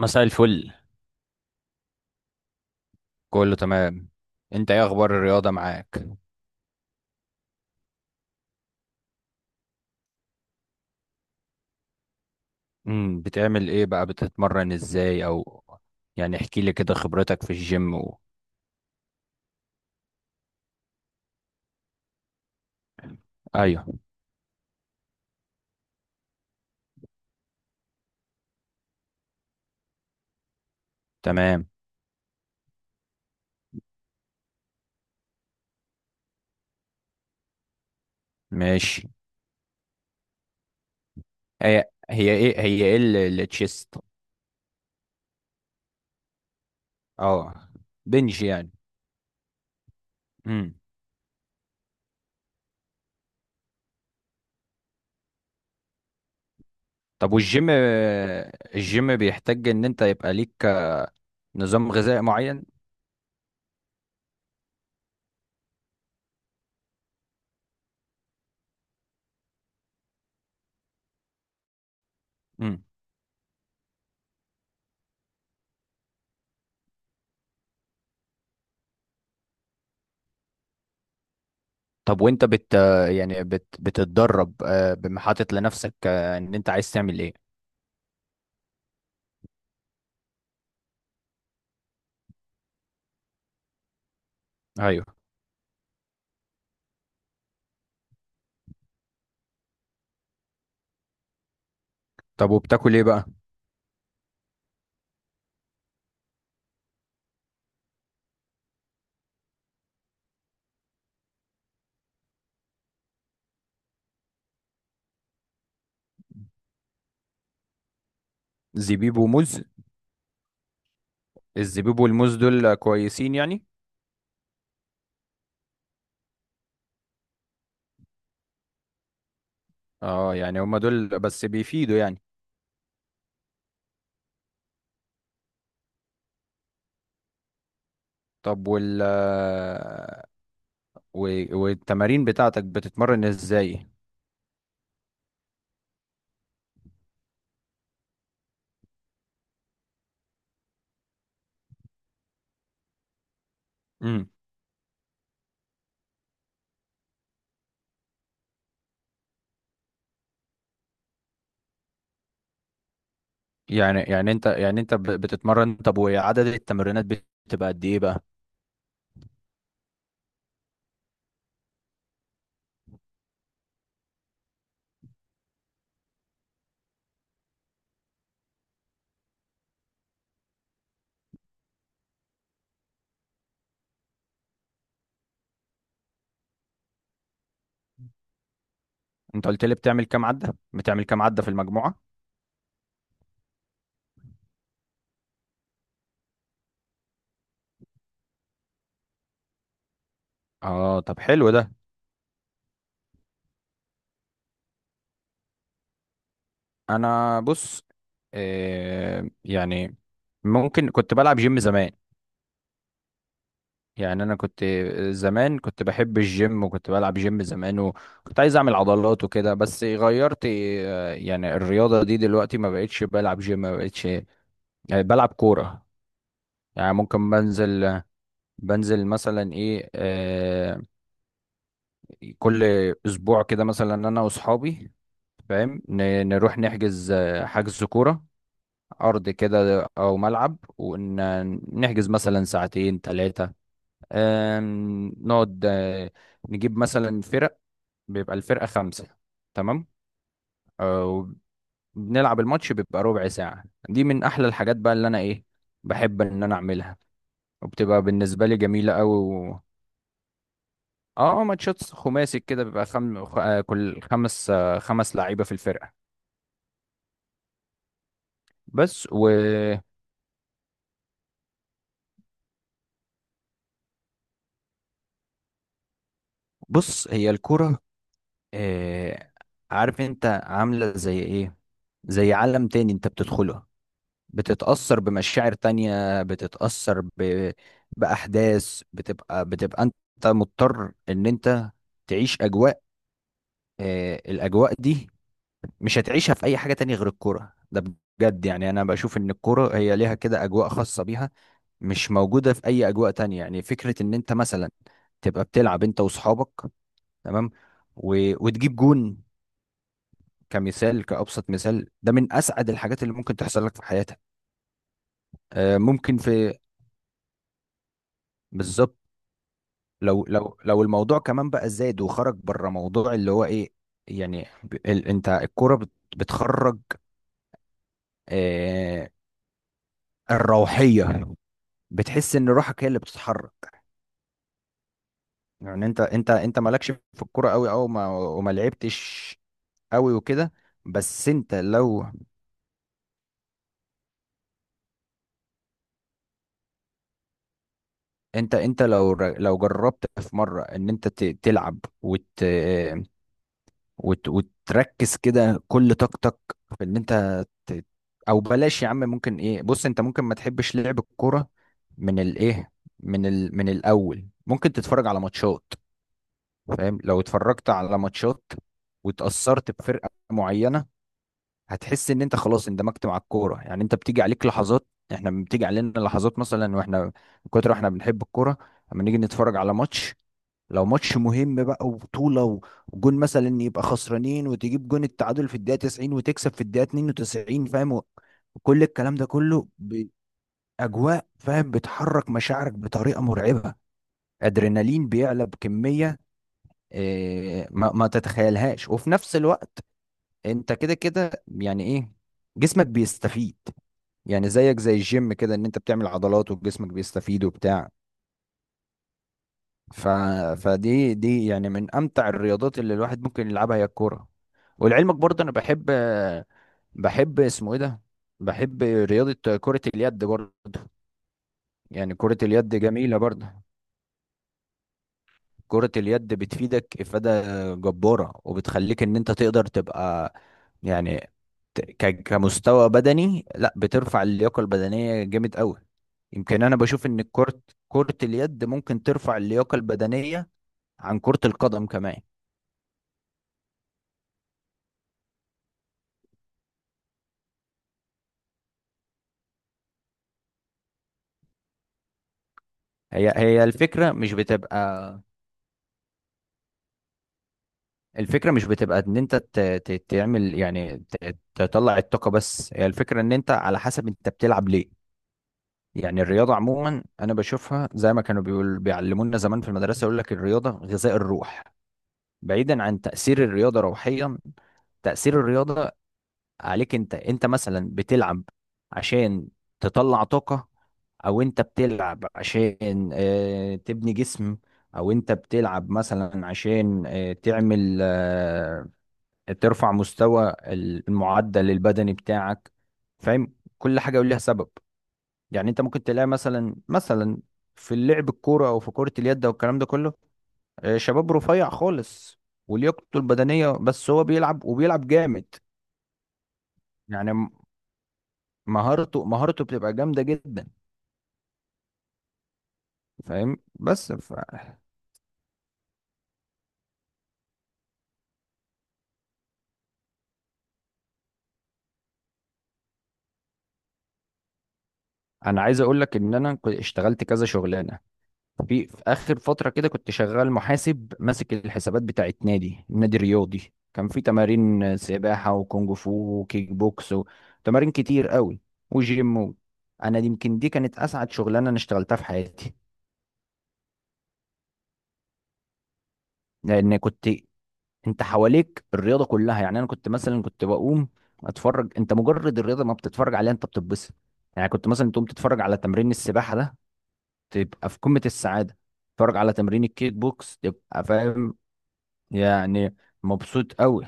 مساء الفل. كله تمام. انت ايه اخبار الرياضة معاك؟ بتعمل ايه بقى؟ بتتمرن ازاي، او يعني احكي لي كده خبرتك في الجيم و... ايوه. تمام. ماشي. هي ايه التشيست؟ اه، بنج يعني. امم طب، والجيم، الجيم بيحتاج ان انت يبقى ليك نظام غذائي معين؟ امم طب، وانت بت يعني بت بتتدرب، حاطط لنفسك ان انت عايز تعمل ايه؟ ايوه. طب، وبتاكل ايه بقى؟ زبيب وموز. الزبيب والموز دول كويسين يعني؟ اه، يعني هما دول بس بيفيدوا يعني؟ طب، والتمارين بتاعتك بتتمرن ازاي؟ امم يعني انت بتتمرن. طب، وعدد التمرينات بتبقى قد ايه بقى؟ انت قلت لي بتعمل كام عدة في المجموعة؟ اه، طب، حلو ده. انا بص. يعني ممكن كنت بلعب جيم زمان. يعني انا كنت زمان كنت بحب الجيم، وكنت بلعب جيم زمان، وكنت عايز اعمل عضلات وكده. بس غيرت، يعني الرياضة دي دلوقتي، ما بقتش بلعب جيم، ما بقتش بلعب كورة. يعني ممكن بنزل مثلا ايه، كل اسبوع كده مثلا انا واصحابي، فاهم؟ نروح نحجز حجز كورة، ارض كده او ملعب، ونحجز مثلا ساعتين 3. نقعد، نجيب مثلا فرق، بيبقى الفرقة 5. تمام. آه، وبنلعب الماتش، بيبقى ربع ساعة. دي من أحلى الحاجات بقى اللي أنا بحب إن أنا أعملها، وبتبقى بالنسبة لي جميلة أوي. و... ماتشات خماسي كده، بيبقى خم... خ- آه، كل خمس لعيبة في الفرقة. بس. وبص. هي الكرة، آه، عارف أنت؟ عاملة زي إيه، زي عالم تاني أنت بتدخله. بتتأثر بمشاعر تانية، بتتأثر بأحداث. بتبقى انت مضطر ان انت تعيش اجواء، الاجواء دي مش هتعيشها في اي حاجة تانية غير الكورة ده، بجد. يعني انا بشوف ان الكورة هي ليها كده اجواء خاصة بيها، مش موجودة في اي اجواء تانية. يعني فكرة ان انت مثلا تبقى بتلعب انت واصحابك، تمام، و... وتجيب جون كمثال، كأبسط مثال، ده من اسعد الحاجات اللي ممكن تحصل لك في حياتك. ممكن في... بالظبط. لو الموضوع كمان بقى زاد وخرج بره، موضوع اللي هو ايه، يعني ب- ال انت الكوره بتخرج آه الروحيه، بتحس ان روحك هي اللي بتتحرك. يعني انت مالكش في الكوره قوي، او ما وما لعبتش قوي وكده. بس انت لو، لو جربت في مره ان انت تلعب وت آه، وت وتركز كده كل طاقتك في ان انت ت- او بلاش يا عم. ممكن ايه، بص، انت ممكن ما تحبش لعب الكوره، من الايه من ال... من الاول ممكن تتفرج على ماتشات. فاهم؟ لو اتفرجت على ماتشات واتأثرت بفرقه معينه، هتحس ان انت خلاص اندمجت مع الكوره. يعني انت بتيجي عليك لحظات، احنا بتيجي علينا لحظات مثلا، واحنا من كتر احنا بنحب الكوره، لما نيجي نتفرج على ماتش، لو ماتش مهم بقى وبطولة، وجون مثلا يبقى خسرانين وتجيب جون التعادل في الدقيقة 90 وتكسب في الدقيقة 92. فاهم؟ كل الكلام ده كله بأجواء، فاهم؟ بتحرك مشاعرك بطريقة مرعبة. أدرينالين بيعلى بكمية ما تتخيلهاش. وفي نفس الوقت، انت كده كده، يعني ايه، جسمك بيستفيد. يعني زيك زي الجيم كده، ان انت بتعمل عضلات وجسمك بيستفيد وبتاع. ف... فدي، دي يعني من امتع الرياضات اللي الواحد ممكن يلعبها، هي الكوره. ولعلمك برضه انا بحب اسمه ايه ده، بحب رياضه كره اليد برضه. يعني كره اليد جميله برضه. كره اليد بتفيدك افاده جباره، وبتخليك ان انت تقدر تبقى يعني كمستوى بدني، لا بترفع اللياقه البدنيه جامد قوي. يمكن انا بشوف ان كره اليد ممكن ترفع اللياقه البدنيه عن كره القدم كمان. هي الفكرة مش بتبقى، الفكرة مش بتبقى ان انت تعمل يعني تطلع الطاقة، بس هي الفكرة ان انت على حسب انت بتلعب ليه. يعني الرياضة عموما انا بشوفها زي ما كانوا بيعلمونا زمان في المدرسة، يقول لك الرياضة غذاء الروح. بعيدا عن تأثير الرياضة روحيا، تأثير الرياضة عليك، انت مثلا بتلعب عشان تطلع طاقة، او انت بتلعب عشان تبني جسم، او انت بتلعب مثلا عشان آه، تعمل آه، ترفع مستوى المعدل البدني بتاعك. فاهم؟ كل حاجة وليها سبب. يعني انت ممكن تلاقي مثلا في اللعب الكورة او في كرة اليد او الكلام ده كله، شباب رفيع خالص ولياقته البدنية، بس هو بيلعب وبيلعب جامد. يعني مهارته بتبقى جامدة جدا، فاهم؟ بس. انا عايز اقول لك ان انا كنت اشتغلت كذا شغلانه، في اخر فتره كده، كنت شغال محاسب ماسك الحسابات بتاعت نادي رياضي، كان في تمارين سباحه، وكونج فو، وكيك بوكس، وتمارين كتير قوي، وجيم و... يمكن دي كانت اسعد شغلانه انا اشتغلتها في حياتي. لان كنت، انت حواليك الرياضه كلها. يعني انا كنت مثلا بقوم اتفرج، انت مجرد الرياضه ما بتتفرج عليها انت بتتبسط. يعني كنت مثلا تقوم تتفرج على تمرين السباحه ده، تبقى في قمة السعادة، اتفرج على تمرين الكيك بوكس تبقى فاهم، يعني مبسوط قوي.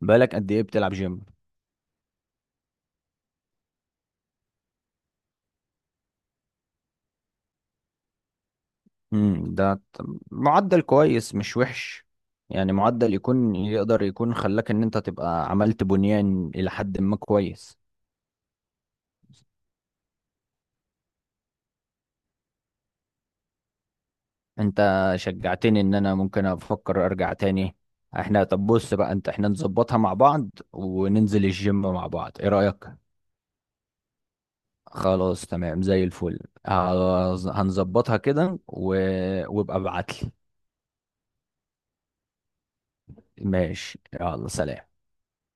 بالك قد ايه بتلعب جيم؟ امم ده ت- معدل كويس، مش وحش. يعني معدل يكون يقدر يكون خلاك ان انت تبقى عملت بنيان الى حد ما كويس. انت شجعتني ان انا ممكن افكر ارجع تاني. احنا، طب بص بقى انت، احنا نظبطها مع بعض وننزل الجيم مع بعض، ايه رأيك؟ خلاص، تمام، زي الفل. هنظبطها كده وابقى ابعتلي. ماشي، يلا سلام.